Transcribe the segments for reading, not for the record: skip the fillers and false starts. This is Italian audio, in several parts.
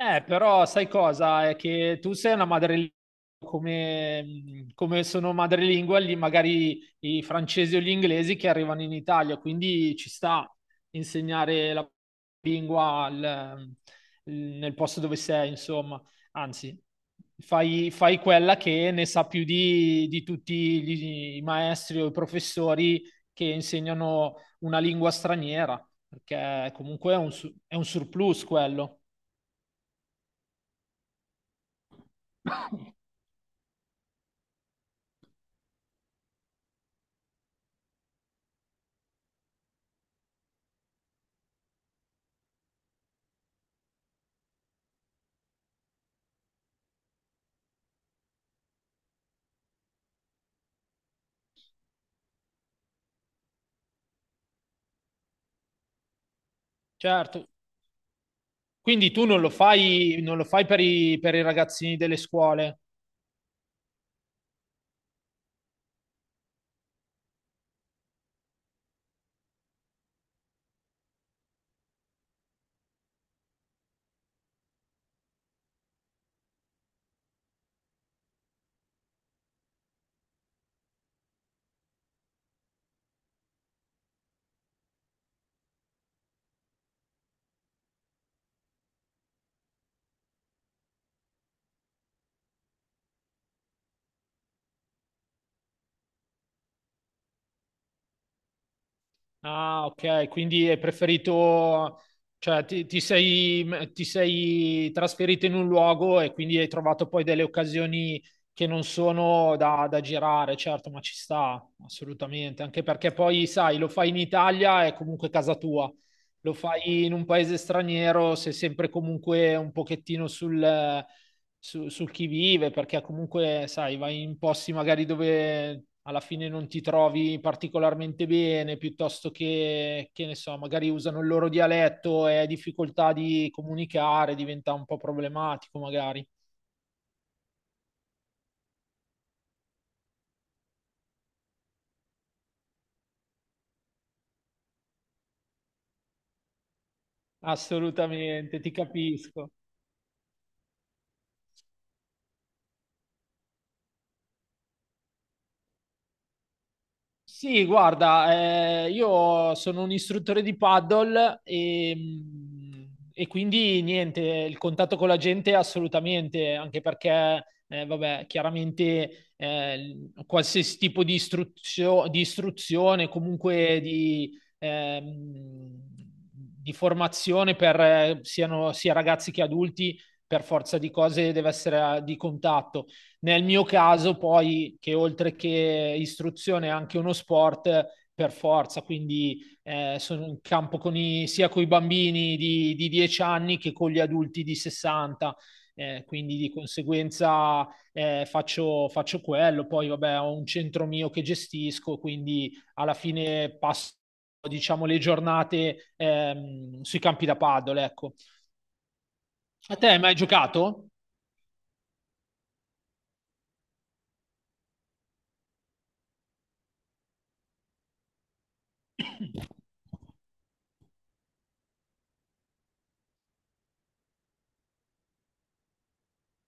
Però sai cosa? È che tu sei una madrelingua come sono madrelingua lì magari i francesi o gli inglesi che arrivano in Italia, quindi ci sta insegnare la lingua nel posto dove sei, insomma. Anzi, fai quella che ne sa più di i maestri o i professori che insegnano una lingua straniera, perché comunque è è un surplus quello. Certo. Quindi tu non lo fai, non lo fai per per i ragazzini delle scuole? Ah, ok, quindi hai preferito, cioè ti sei trasferito in un luogo e quindi hai trovato poi delle occasioni che non sono da girare, certo, ma ci sta, assolutamente, anche perché poi, sai, lo fai in Italia è comunque casa tua, lo fai in un paese straniero, sei sempre comunque un pochettino sul sul chi vive, perché comunque, sai, vai in posti magari dove alla fine non ti trovi particolarmente bene, piuttosto che ne so, magari usano il loro dialetto e hai difficoltà di comunicare, diventa un po' problematico magari. Assolutamente, ti capisco. Sì, guarda, io sono un istruttore di paddle e quindi niente, il contatto con la gente assolutamente, anche perché, vabbè, chiaramente qualsiasi tipo di istruzione, comunque di formazione per siano sia ragazzi che adulti, per forza di cose deve essere di contatto. Nel mio caso, poi, che oltre che istruzione è anche uno sport per forza, quindi sono in campo con sia con i bambini di 10 anni che con gli adulti di 60, quindi di conseguenza faccio quello. Poi, vabbè, ho un centro mio che gestisco, quindi alla fine passo, diciamo, le giornate sui campi da paddle, ecco. A te hai mai giocato?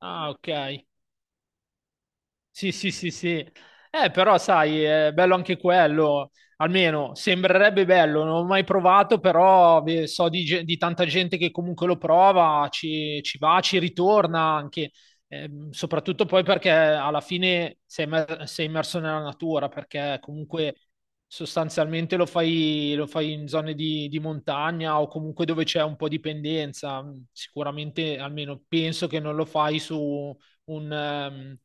Ah, ok. Sì, sì, sì, sì. Però sai, è bello anche quello, almeno sembrerebbe bello, non ho mai provato, però beh, so di, di tanta gente che comunque lo prova, ci va, ci ritorna anche. Soprattutto poi perché alla fine sei immerso nella natura, perché comunque sostanzialmente lo fai in zone di montagna o comunque dove c'è un po' di pendenza, sicuramente almeno penso che non lo fai su un... ehm,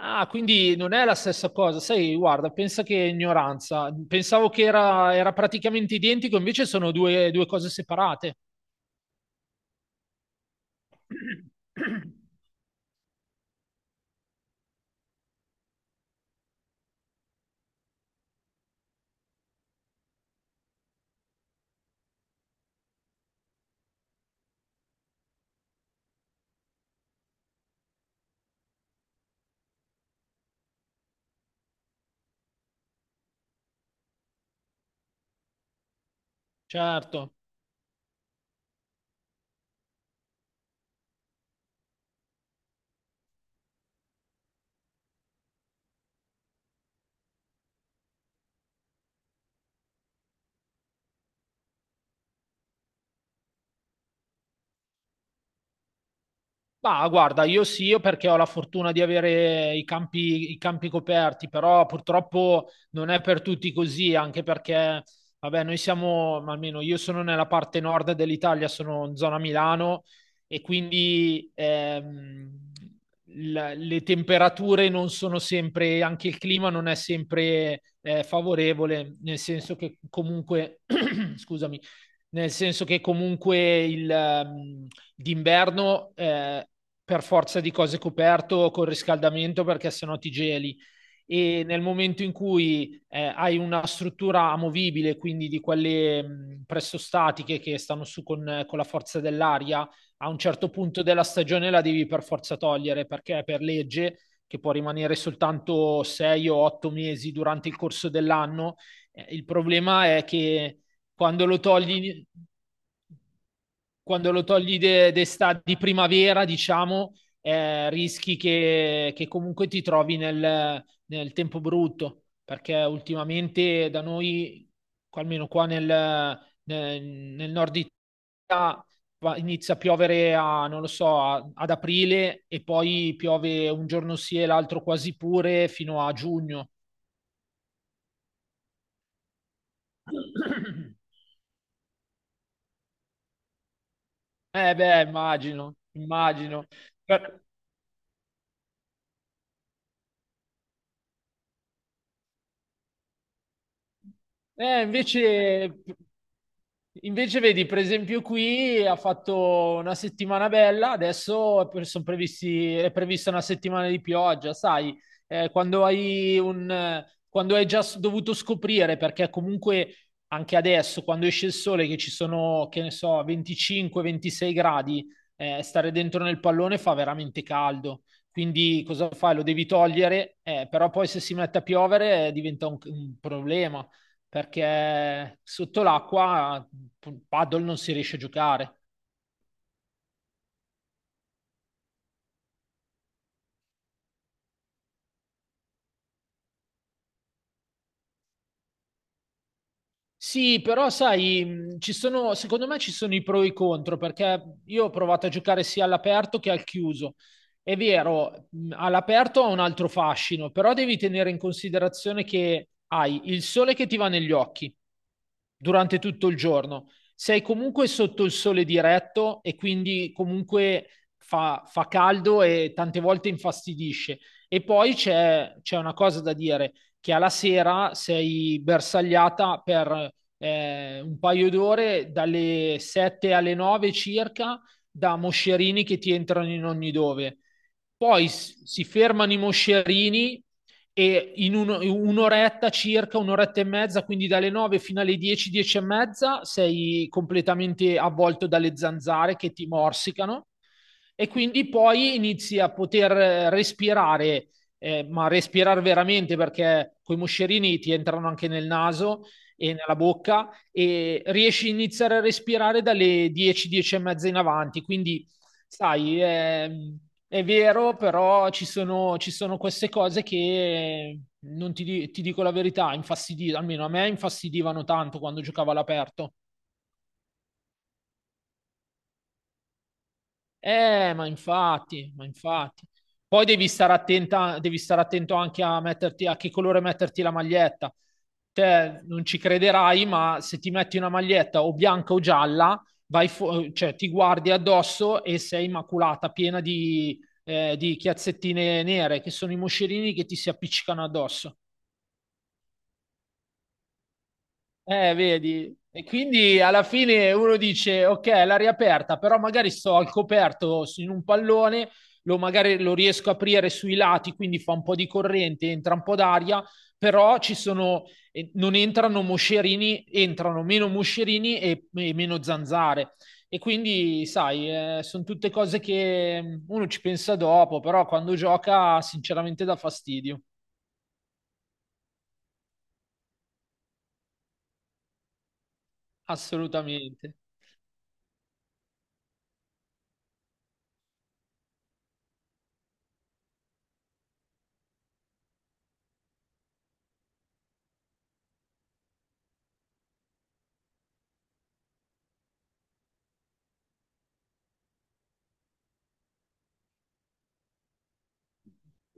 Ah, quindi non è la stessa cosa. Sai, guarda, pensa che ignoranza. Pensavo che era, era praticamente identico, invece sono due cose separate. Certo. Bah, guarda, io sì, io perché ho la fortuna di avere i campi coperti, però purtroppo non è per tutti così, anche perché, vabbè, noi siamo, ma almeno io sono nella parte nord dell'Italia, sono in zona Milano e quindi le temperature non sono sempre, anche il clima non è sempre favorevole, nel senso che comunque, scusami, nel senso che comunque d'inverno per forza di cose coperto col riscaldamento perché sennò ti geli e nel momento in cui hai una struttura amovibile, quindi di quelle presto statiche che stanno su con la forza dell'aria, a un certo punto della stagione la devi per forza togliere perché per legge che può rimanere soltanto 6 o 8 mesi durante il corso dell'anno. Il problema è che quando lo togli, quando lo togli d'estate, di primavera, diciamo, rischi che comunque ti trovi nel tempo brutto, perché ultimamente da noi, almeno qua nel nord Italia, inizia a piovere a, non lo so, ad aprile e poi piove un giorno sì e l'altro quasi pure fino a giugno. Eh beh, immagino, immagino. Per- Eh, invece, invece vedi, per esempio qui ha fatto una settimana bella, adesso è prevista una settimana di pioggia, sai, quando hai quando hai già dovuto scoprire, perché comunque anche adesso, quando esce il sole, che ci sono, che ne so, 25-26 gradi, stare dentro nel pallone fa veramente caldo. Quindi cosa fai? Lo devi togliere, però poi se si mette a piovere diventa un problema perché sotto l'acqua paddle non si riesce a giocare. Sì, però sai, mm, ci sono, secondo me ci sono i pro e i contro, perché io ho provato a giocare sia all'aperto che al chiuso. È vero, all'aperto ha un altro fascino, però devi tenere in considerazione che hai il sole che ti va negli occhi, durante tutto il giorno. Sei comunque sotto il sole diretto e quindi comunque fa, fa caldo e tante volte infastidisce. E poi c'è una cosa da dire, che alla sera sei bersagliata per un paio d'ore, dalle 7 alle 9 circa, da moscerini che ti entrano in ogni dove. Poi si fermano i moscerini e un'oretta circa, un'oretta e mezza, quindi dalle 9 fino alle 10, 10 e mezza, sei completamente avvolto dalle zanzare che ti morsicano e quindi poi inizi a poter respirare, ma respirare veramente perché coi moscerini ti entrano anche nel naso e nella bocca e riesci a iniziare a respirare dalle 10, 10 e mezza in avanti, quindi sai, è vero, però ci sono queste cose che non ti, di- ti dico la verità, infastidivano, almeno a me infastidivano tanto quando giocavo all'aperto. Ma infatti, ma infatti. Poi devi stare attenta, devi stare attento anche a metterti, a che colore metterti la maglietta. Te non ci crederai, ma se ti metti una maglietta o bianca o gialla, cioè, ti guardi addosso e sei maculata, piena di chiazzettine nere, che sono i moscerini che ti si appiccicano addosso. Vedi? E quindi alla fine uno dice, ok, l'aria aperta, però magari sto al coperto in un pallone, lo magari lo riesco a aprire sui lati, quindi fa un po' di corrente, entra un po' d'aria, però ci sono, non entrano moscerini, entrano meno moscerini e meno zanzare. E quindi, sai, sono tutte cose che mm, uno ci pensa dopo, però quando gioca sinceramente dà fastidio, assolutamente.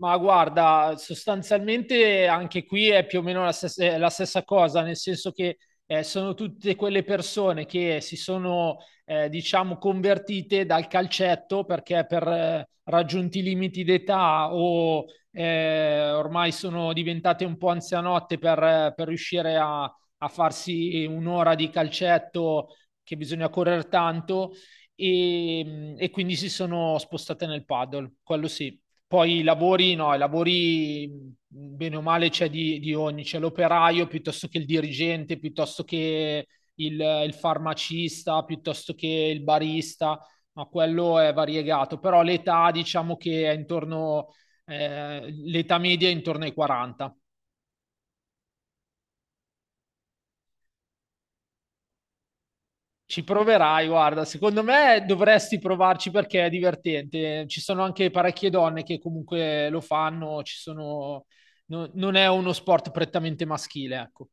Ma guarda, sostanzialmente anche qui è più o meno la stessa, è la stessa cosa, nel senso che sono tutte quelle persone che si sono, diciamo, convertite dal calcetto perché per raggiunti limiti d'età o ormai sono diventate un po' anzianotte per riuscire a farsi un'ora di calcetto che bisogna correre tanto e quindi si sono spostate nel paddle, quello sì. Poi i lavori, no, i lavori bene o male c'è di ogni, c'è l'operaio piuttosto che il dirigente, piuttosto che il farmacista, piuttosto che il barista, ma quello è variegato. Però l'età diciamo che è intorno, l'età media è intorno ai 40. Ci proverai, guarda, secondo me dovresti provarci perché è divertente. Ci sono anche parecchie donne che comunque lo fanno, ci sono... non è uno sport prettamente maschile, ecco.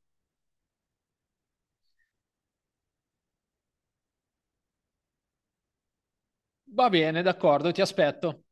Va bene, d'accordo, ti aspetto.